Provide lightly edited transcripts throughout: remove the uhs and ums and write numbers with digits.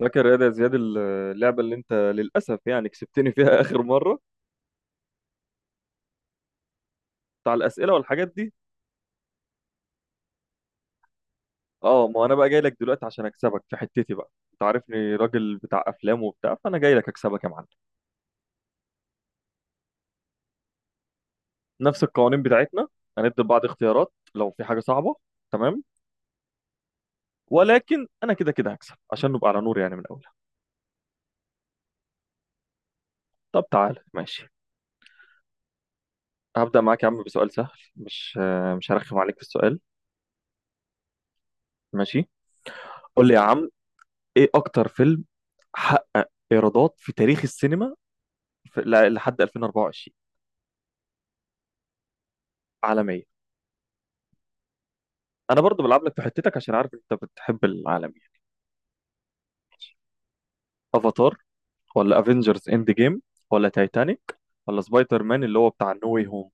فاكر يا ده يا زياد، اللعبة اللي انت للأسف يعني كسبتني فيها آخر مرة. بتاع الأسئلة والحاجات دي. اه، ما انا بقى جاي لك دلوقتي عشان اكسبك في حتتي بقى، انت عارفني راجل بتاع افلام وبتاع، فانا جاي لك اكسبك يا معلم. نفس القوانين بتاعتنا. هندي لبعض اختيارات لو في حاجة صعبة. تمام. ولكن انا كده كده هكسب عشان نبقى على نور يعني من اولها. طب تعال ماشي. هبدأ معاك يا عم بسؤال سهل. مش مش هرخم عليك في السؤال. ماشي. قول لي يا عم، ايه اكتر فيلم حقق ايرادات في تاريخ السينما لحد 2024؟ عالمية. انا برضو بلعب لك في حتتك عشان عارف انت بتحب العالمية. افاتار، ولا افنجرز اند جيم، ولا تايتانيك، ولا سبايدر مان اللي هو بتاع نو واي هوم؟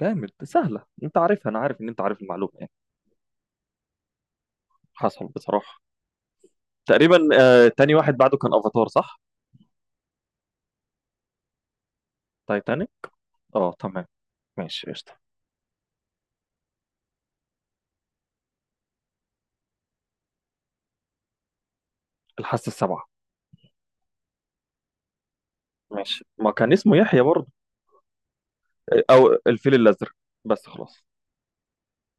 جامد، سهلة انت عارفها، انا عارف ان انت عارف المعلومة يعني. حصل بصراحة. تقريبا تاني واحد بعده كان افاتار صح؟ تايتانيك. اه تمام. ماشي قشطة. الحاسة السبعة. ماشي، ما كان اسمه يحيى برضه؟ او الفيل الازرق، بس خلاص.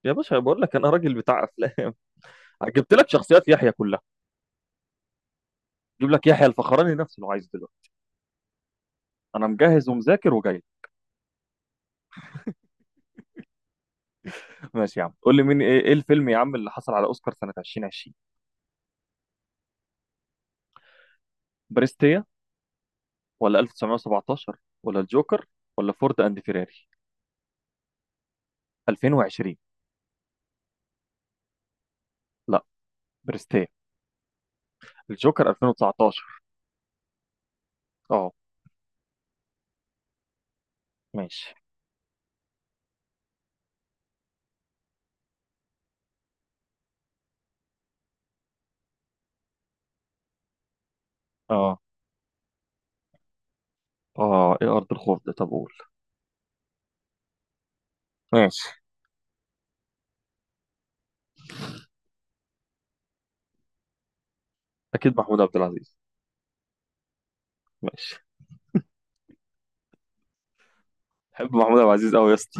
يا باشا بقول لك انا راجل بتاع افلام. جبت لك شخصيات يحيى كلها. جيب لك يحيى الفخراني نفسه لو عايز دلوقتي. انا مجهز ومذاكر وجاي. ماشي يا عم. قول لي إيه الفيلم يا عم اللي حصل على اوسكار سنه 2020؟ بريستيا، ولا 1917، ولا الجوكر، ولا فورد اند فيراري؟ 2020. لا، بريستيا. الجوكر 2019. اه ماشي. اه اه، ايه ارض الخوف ده؟ طب قول. ماشي. اكيد محمود عبد العزيز. ماشي. بحب محمود عبد العزيز قوي يا اسطى.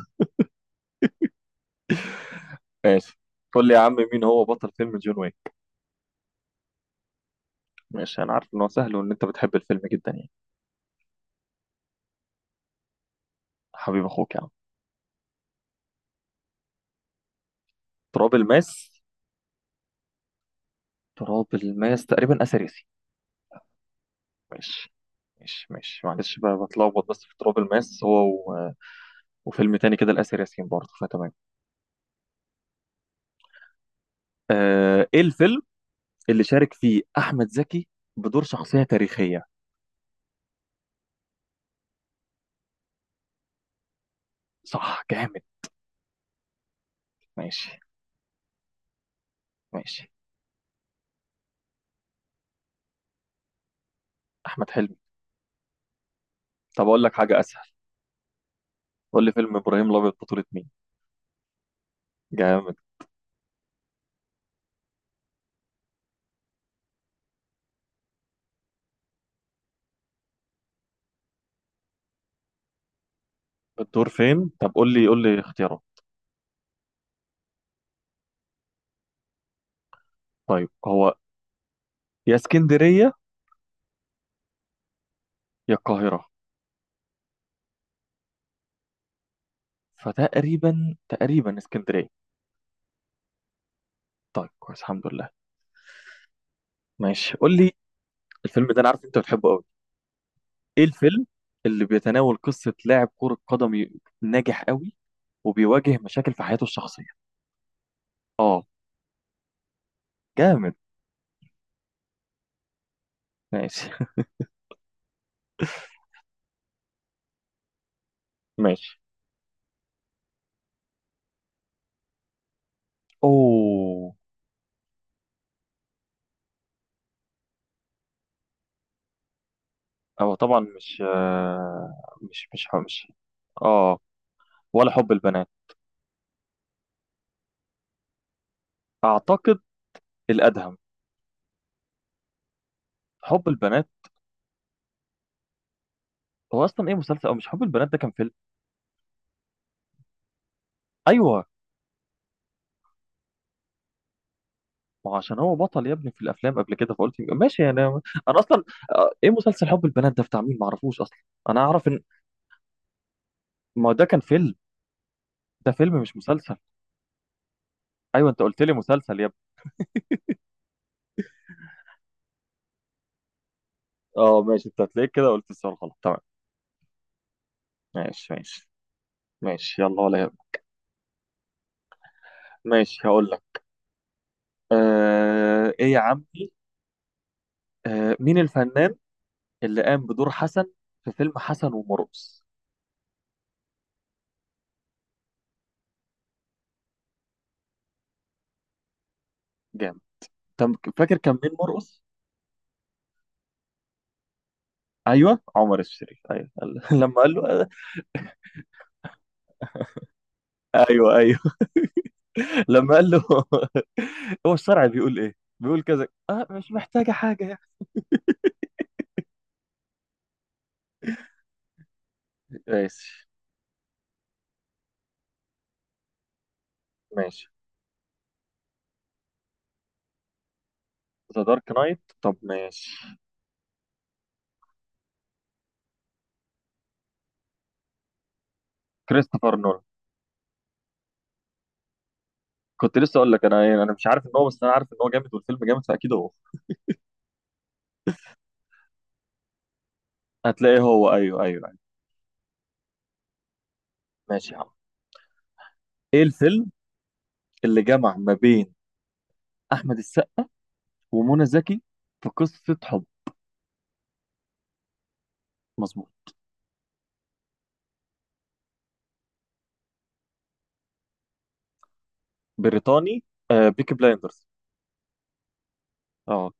ماشي. قول لي يا عم، مين هو بطل فيلم جون ويك؟ ماشي انا عارف ان هو سهل وان انت بتحب الفيلم جدا يعني. حبيب اخوك يا عم. تراب الماس. تراب الماس تقريبا اثريسي. ماشي. ماشي ماشي، معلش بقى بتلخبط، بس في تراب الماس وفيلم تاني كده الاسر ياسين برضه فتمام. ايه الفيلم اللي شارك فيه احمد زكي بدور شخصيه تاريخيه؟ صح جامد. ماشي. ماشي. احمد حلمي. طب اقول لك حاجه اسهل. قول لي فيلم ابراهيم الابيض بطوله مين؟ جامد. الدور فين؟ طب قول لي قول لي اختيارات. طيب، هو يا اسكندريه يا القاهره. فتقريبا تقريبا اسكندريه. طيب كويس الحمد لله. ماشي قول لي. الفيلم ده انا عارف انت بتحبه قوي. ايه الفيلم اللي بيتناول قصة لاعب كرة قدم ناجح قوي، وبيواجه مشاكل في حياته الشخصية؟ اه. جامد. ماشي. ماشي. اوه. هو طبعا مش آه، مش مش مش اه، ولا حب البنات اعتقد، الادهم. حب البنات. هو اصلا ايه، مسلسل؟ او مش، حب البنات ده كان فيلم. ايوه، ما هو عشان هو بطل يا ابني في الافلام قبل كده فقلت يبقى ماشي انا. انا اصلا ايه مسلسل حب البنات ده بتاع مين ما اعرفوش اصلا. انا اعرف ان، ما هو ده كان فيلم. ده فيلم مش مسلسل. ايوه انت قلت لي مسلسل يا ابني. اه ماشي، انت هتلاقيك كده قلت السؤال غلط. تمام. ماشي. ماشي. ماشي يلا، ولا يهمك. ماشي هقول لك. ايه يا عمي؟ مين الفنان اللي قام بدور حسن في فيلم حسن ومرقص؟ جامد. فاكر كان مين مرقص؟ ايوه عمر الشريف ايوه، لما قال له ايوه ايوه. لما قال له، هو الشرع بيقول ايه، بيقول كذا، مش محتاجه حاجه يعني. ماشي. ماشي. ذا دارك نايت طب ماشي. كريستوفر نولان. كنت لسه اقول لك انا انا مش عارف ان هو، بس انا عارف ان هو جامد والفيلم جامد فاكيد هو. هتلاقيه هو، ايوه ايوه ايوه. ماشي يا عم. ايه الفيلم اللي جمع ما بين احمد السقا ومنى زكي في قصه حب؟ مظبوط. بريطاني. بيكي بلايندرز. اه.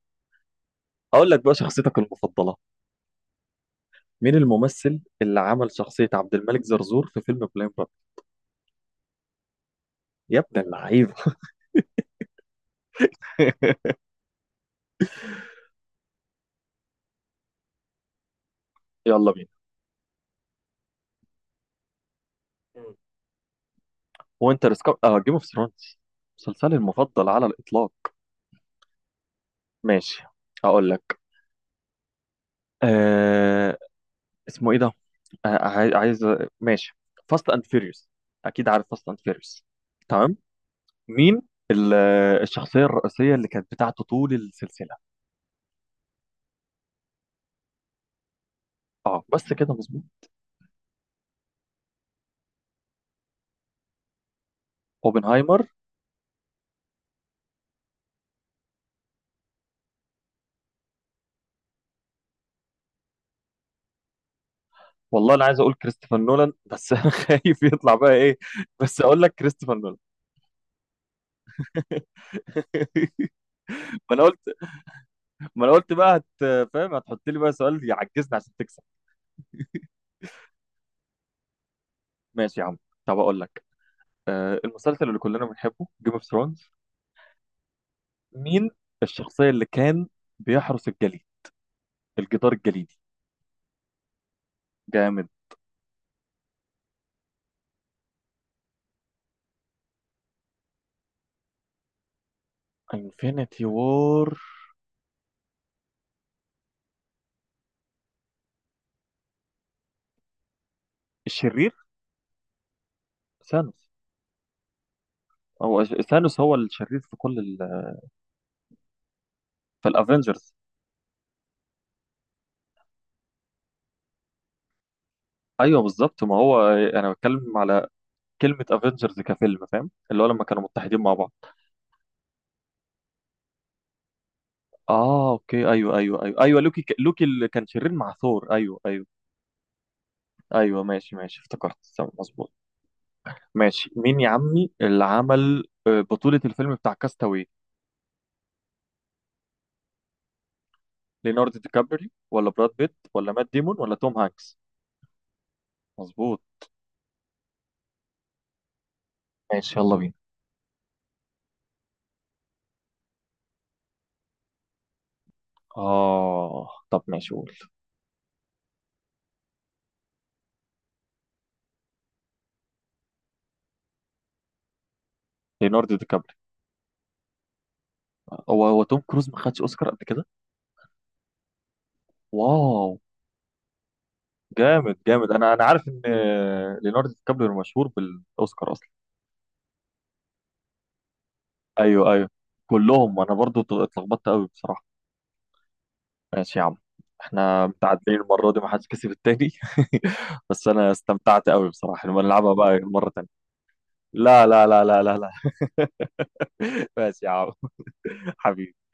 اقول لك بقى شخصيتك المفضله. مين الممثل اللي عمل شخصيه عبد الملك زرزور في فيلم بلاين بارتنر؟ يا ابن اللعيبه. يلا بينا. وانتر سكار، جيم اوف ثرونز. مسلسلي المفضل على الاطلاق. ماشي هقول لك. آه اسمه ايه ده؟ ماشي. فاست اند فيريوس، اكيد عارف فاست اند فيريوس. تمام. مين ال- الشخصيه الرئيسيه اللي كانت بتاعته طول السلسله؟ اه بس كده مظبوط. اوبنهايمر. والله انا عايز اقول كريستوفر نولان بس انا خايف يطلع بقى ايه. بس اقول لك كريستوفر نولان. ما انا قلت ما انا قلت بقى فاهم، هتحط لي بقى سؤال يعجزني عشان تكسب. ماشي يا عم. طب اقول لك المسلسل اللي كلنا بنحبه جيم اوف ثرونز. مين الشخصية اللي كان بيحرس الجليد، الجدار الجليدي؟ جامد. انفينيتي وور. الشرير. ثانوس. ثانوس هو الشرير في كل في الافنجرز. ايوه بالظبط، ما هو انا بتكلم على كلمة افنجرز كفيلم، فاهم اللي هو لما كانوا متحدين مع بعض. اه اوكي ايوه ايوه ايوه ايوه لوكي لوكي اللي كان شرير مع ثور ايوه ايوه. ايوه ماشي ماشي افتكرت تمام، مظبوط. ماشي. مين يا عمي اللي عمل بطولة الفيلم بتاع كاستاوي؟ ليوناردو دي كابريو، ولا براد بيت، ولا مات ديمون، ولا توم هانكس؟ مظبوط. ماشي يلا بينا. اه طب ماشي قول. ليوناردو دي كابريو. هو هو توم كروز ما خدش اوسكار قبل كده؟ واو. جامد جامد. انا عارف ان ليوناردو دي كابريو مشهور بالاوسكار اصلا. ايوه ايوه كلهم. انا برضو اتلخبطت قوي بصراحه. ماشي يا عم. احنا متعادلين المره دي، ما حدش كسب التاني. بس انا استمتعت قوي بصراحه، لما نلعبها بقى مره تانيه. لا لا لا لا لا لا. ماشي يا عم. حبيبي حبيبي.